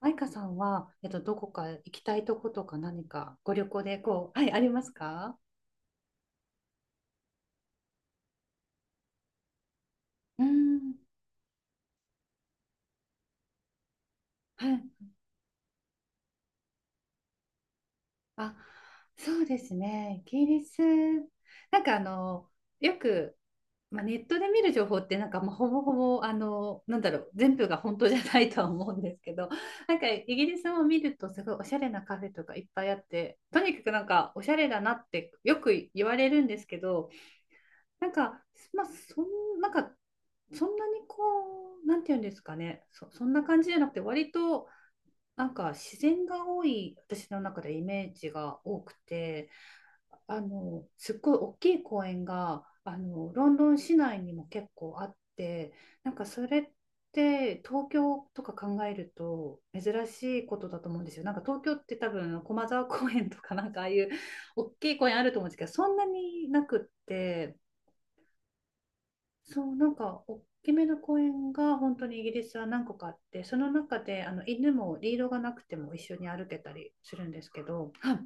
マイカさんは、どこか行きたいとことか何かご旅行でこう、はい、ありますか？うーん、はい。あ、そうですね。イギリス、なんかあの、よく、まあ、ネットで見る情報って、まあ、ほぼほぼ、全部が本当じゃないとは思うんですけど、なんかイギリスを見ると、すごいおしゃれなカフェとかいっぱいあって、とにかくなんか、おしゃれだなってよく言われるんですけど、なんか、まあ、そん、なんか、そんなにこう、なんていうんですかね、そんな感じじゃなくて、割と、なんか自然が多い、私の中でイメージが多くて、すっごい大きい公園が、ロンドン市内にも結構あって、なんかそれって、東京とか考えると珍しいことだと思うんですよ。なんか東京って多分駒沢公園とかなんかああいう大きい公園あると思うんですけど、そんなになくって、そう、なんか大きめの公園が本当にイギリスは何個かあって、その中であの犬もリードがなくても一緒に歩けたりするんですけど、はい。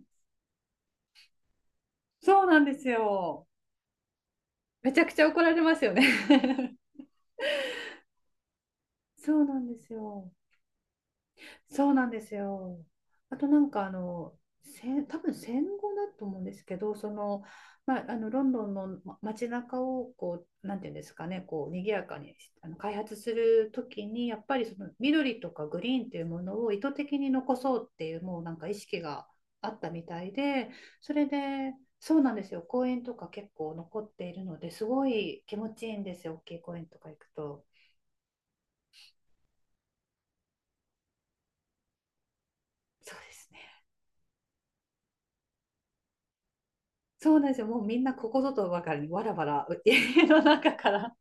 そうなんですよ。めちゃくちゃ怒られますよね。そうなんですよ。そうなんですよ。あとなんか、多分戦後だと思うんですけど、その、まあ、あのロンドンの街中をこうなんていうんですかね、こう賑やかに、あの、開発するときにやっぱりその緑とかグリーンというものを意図的に残そうっていう、もうなんか意識があったみたいで、それで、そうなんですよ。公園とか結構残っているので、すごい気持ちいいんですよ、大きい公園とか行くと。そうですね。そうなんですよ。もうみんなここぞとばかりにわらわら家の中から。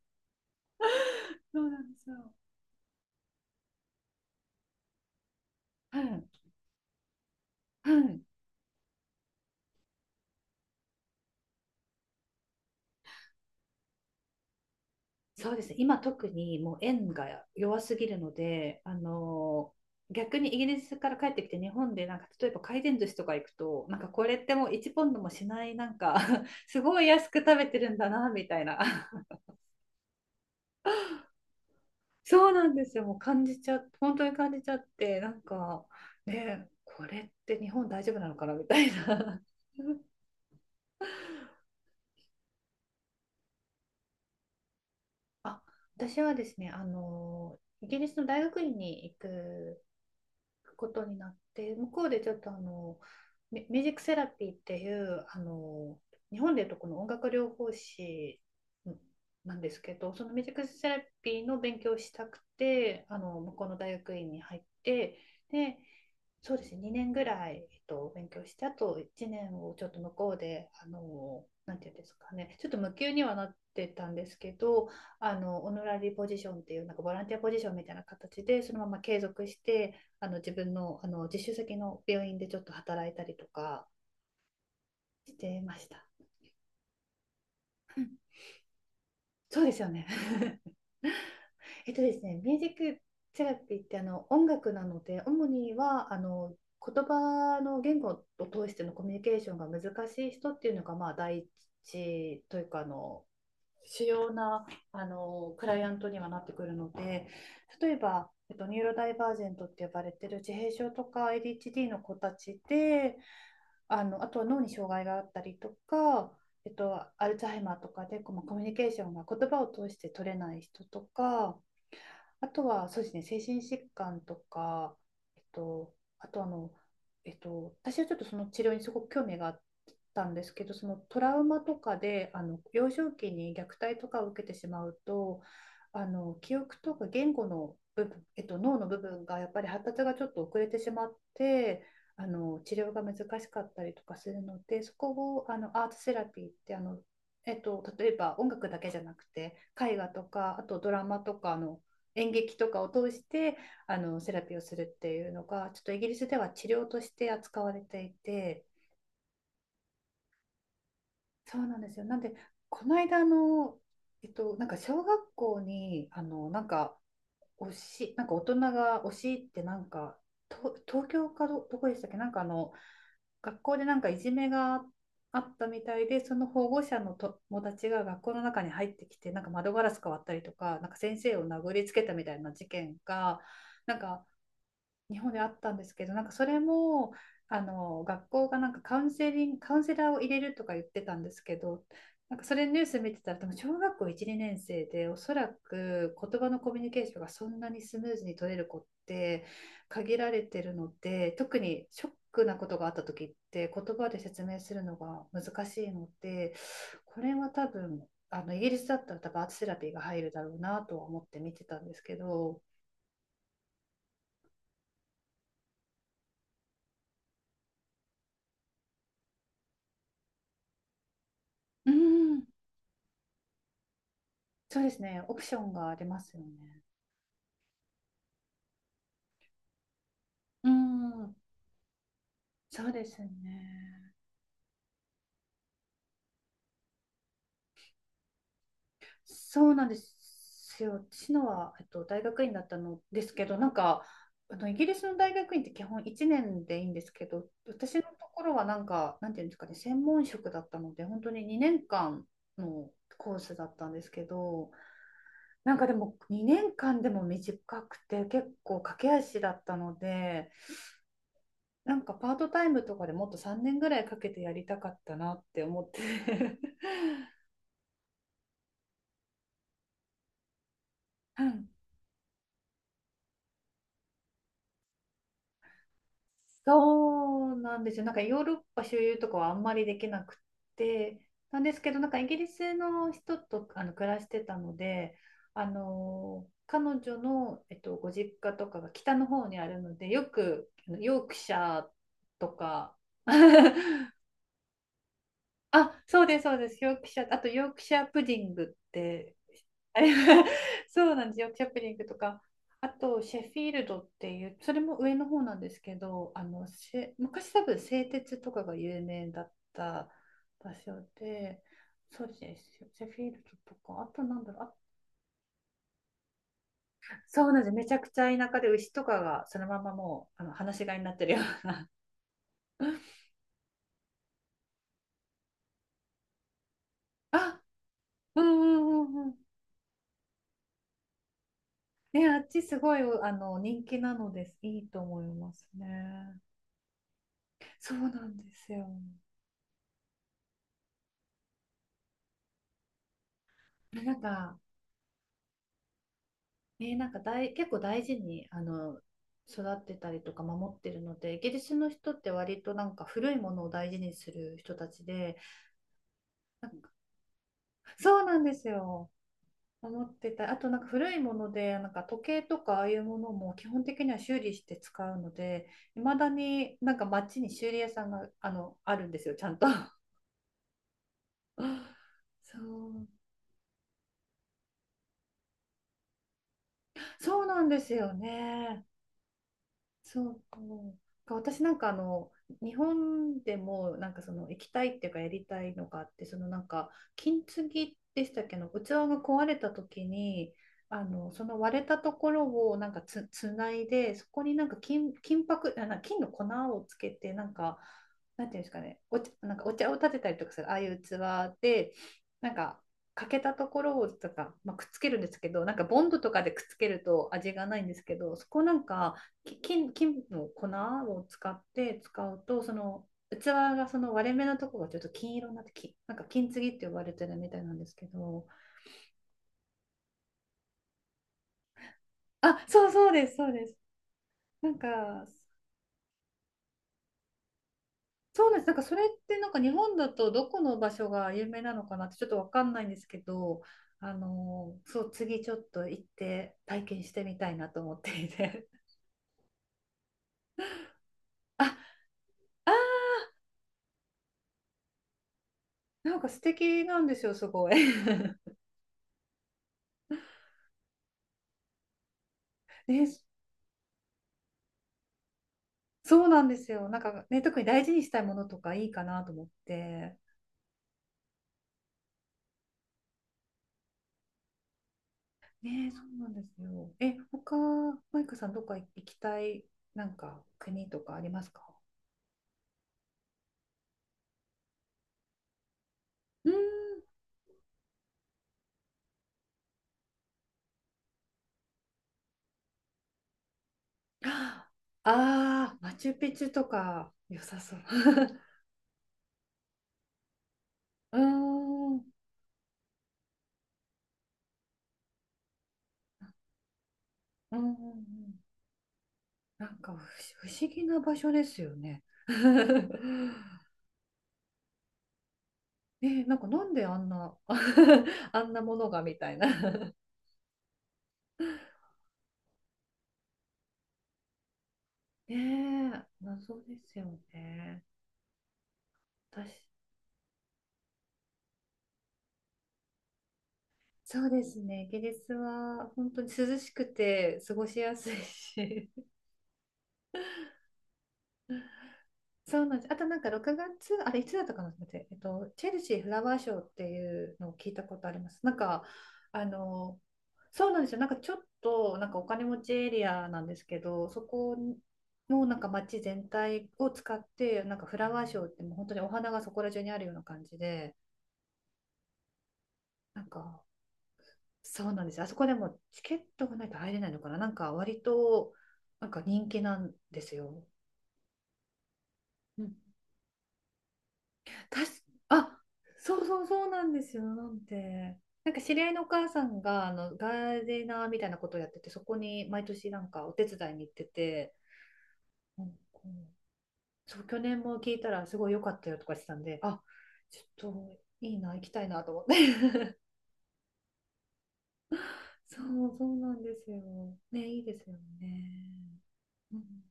そうなんですよ。うんうん、そうですね、今特にもう円が弱すぎるので、逆にイギリスから帰ってきて日本でなんか例えば回転寿司とか行くと、なんかこれってもう1ポンドもしない、なんか すごい安く食べてるんだなみたいな。そうなんですよ。もう感じちゃ、本当に感じちゃって、なんかね、これって日本大丈夫なのかなみたいな。 あ、私はですね、イギリスの大学院に行くことになって、向こうでちょっとミュージックセラピーっていう、日本でいうとこの音楽療法士なんですけど、そのミュージックセラピーの勉強をしたくて、向こうの大学院に入って、で、そうですね、2年ぐらい、勉強して、あと1年をちょっと向こうで、なんていうんですかね、ちょっと無給にはなってたんですけど、オノラリーポジションっていう、なんかボランティアポジションみたいな形で、そのまま継続して、自分の、実習先の病院でちょっと働いたりとかしてました。そうですよね。えっとですね、ミュージックセラピーってあの音楽なので、主にはあの言葉の言語を通してのコミュニケーションが難しい人っていうのが、まあ、第一というか、あの、主要なあのクライアントにはなってくるので、例えば、ニューロダイバージェントって呼ばれてる自閉症とか ADHD の子たちで、あの、あとは脳に障害があったりとか、アルツハイマーとかでこう、まあ、コミュニケーションが言葉を通して取れない人とか、あとはそうですね、精神疾患とか、えっと、あとあの、えっと、私はちょっとその治療にすごく興味があったんですけど、そのトラウマとかで、あの幼少期に虐待とかを受けてしまうと、あの記憶とか言語の部分、脳の部分がやっぱり発達がちょっと遅れてしまって、あの治療が難しかったりとかするので、そこをあのアートセラピーって、例えば音楽だけじゃなくて絵画とか、あとドラマとかの演劇とかを通してあのセラピーをするっていうのがちょっとイギリスでは治療として扱われていて、そうなんですよ。なんでこの間の、なんか小学校にあのなんか推しなんか大人が推しってなんかと東京かどこでしたっけ、なんかあの学校でなんかいじめがあったみたいで、その保護者の友達が学校の中に入ってきて、なんか窓ガラス割ったりとか、なんか先生を殴りつけたみたいな事件がなんか日本であったんですけど、なんかそれも、あの、学校がなんかカウンセラーを入れるとか言ってたんですけど、なんかそれニュース見てたら、多分小学校1、2年生で、おそらく言葉のコミュニケーションがそんなにスムーズに取れる子って限られてるので、特にショックなことがあった時って言葉で説明するのが難しいので、これは多分、あのイギリスだったら多分アートセラピーが入るだろうなとは思って見てたんですけど、うん、そうですね。オプションが出ますよね。うん。そうですね。そうなんですよ。私のは、大学院だったのですけど、なんか、あのイギリスの大学院って基本1年でいいんですけど、私のところはなんか、なんていうんですかね、専門職だったので、本当に2年間のコースだったんですけど、なんかでも2年間でも短くて、結構駆け足だったので、なんかパートタイムとかでもっと3年ぐらいかけてやりたかったなって思って。 うん、そうなんですよ。なんかヨーロッパ周遊とかはあんまりできなくてなんですけど、なんかイギリスの人とあの暮らしてたので、あの彼女の、ご実家とかが北の方にあるので、よくあのヨークシャーとか。 あ、そうです、そうです。ヨークシャー、あとヨークシャープディングって。 あれは。 そうなんですよ。チャップリングとか、あとシェフィールドっていう、それも上の方なんですけど、あの昔多分製鉄とかが有名だった場所で、そうですよ。シェフィールドとか、あとなんだろう、あ、そうなんです。めちゃくちゃ田舎で牛とかがそのままもうあの放し飼いになってるような。あ、うんうんうんうん。ね、あっちすごいあの人気なのです。いいと思いますね。そうなんですよ。なんかえーなんか大、結構大事に、あの、育ってたりとか守ってるので、イギリスの人って割となんか古いものを大事にする人たちで、なんか、そうなんですよ。守ってた。あとなんか古いもので、なんか時計とかああいうものも基本的には修理して使うので、いまだになんか街に修理屋さんが、あるんですよ、ちゃんと。そう、そうなんですよね。そうか私なんか日本でもなんかその行きたいっていうかやりたいのがあってそのなんか金継ぎでしたっけの器が壊れた時にその割れたところをなんかつないでそこになんか金箔あな金の粉をつけてなんかなんていうんですかねお茶、なんかお茶を立てたりとかするああいう器でなんか欠けたところをとか、まあ、くっつけるんですけどなんかボンドとかでくっつけると味がないんですけどそこなんか金の粉を使って使うと、その器がその割れ目のところがちょっと金色になってき、なんか金継ぎって呼ばれてるみたいなんですけど、あ、そうそうです、そうです。なんか、そうなんです。なんかそれってなんか日本だとどこの場所が有名なのかなってちょっとわかんないんですけど、そう、次ちょっと行って体験してみたいなと思っていて。あ、あー、なんか素敵なんですよ、すごい。ね、そうなんですよ。なんかね、特に大事にしたいものとかいいかなと思って。ね、そうなんですよ。え、他、マイカさん、どっか行きたい、なんか国とかありますか。うーん。ああー、マチュピチュとか良さそう。うーん、うん、うんうん。なんか不思議な場所ですよね。ね、なんかなんであんな、あんなものがみたいな。ねえ、謎ですよね。私そうですね。イギリスは本当に涼しくて過ごしやすいし。そうなんです。あとなんか6月、あれいつだったかな待って、チェルシーフラワーショーっていうのを聞いたことあります。なんか、あの、そうなんですよ。なんかちょっとなんかお金持ちエリアなんですけど、そこもなんか街全体を使って、なんかフラワーショーってもう本当にお花がそこら中にあるような感じで、なんかそうなんです。あそこでもチケットがないと入れないのかな。なんか割となんか人気なんですよ。うん、たし、あ、そうそうそうなんですよ。なんで、なんか知り合いのお母さんがあのガーデナーみたいなことをやってて、そこに毎年なんかお手伝いに行ってて、うんうんそう、去年も聞いたらすごい良かったよとかしてたんで、あ、ちょっといいな、行きたいなと思って。そう、そうなんですよ。ね、いいですよね。うん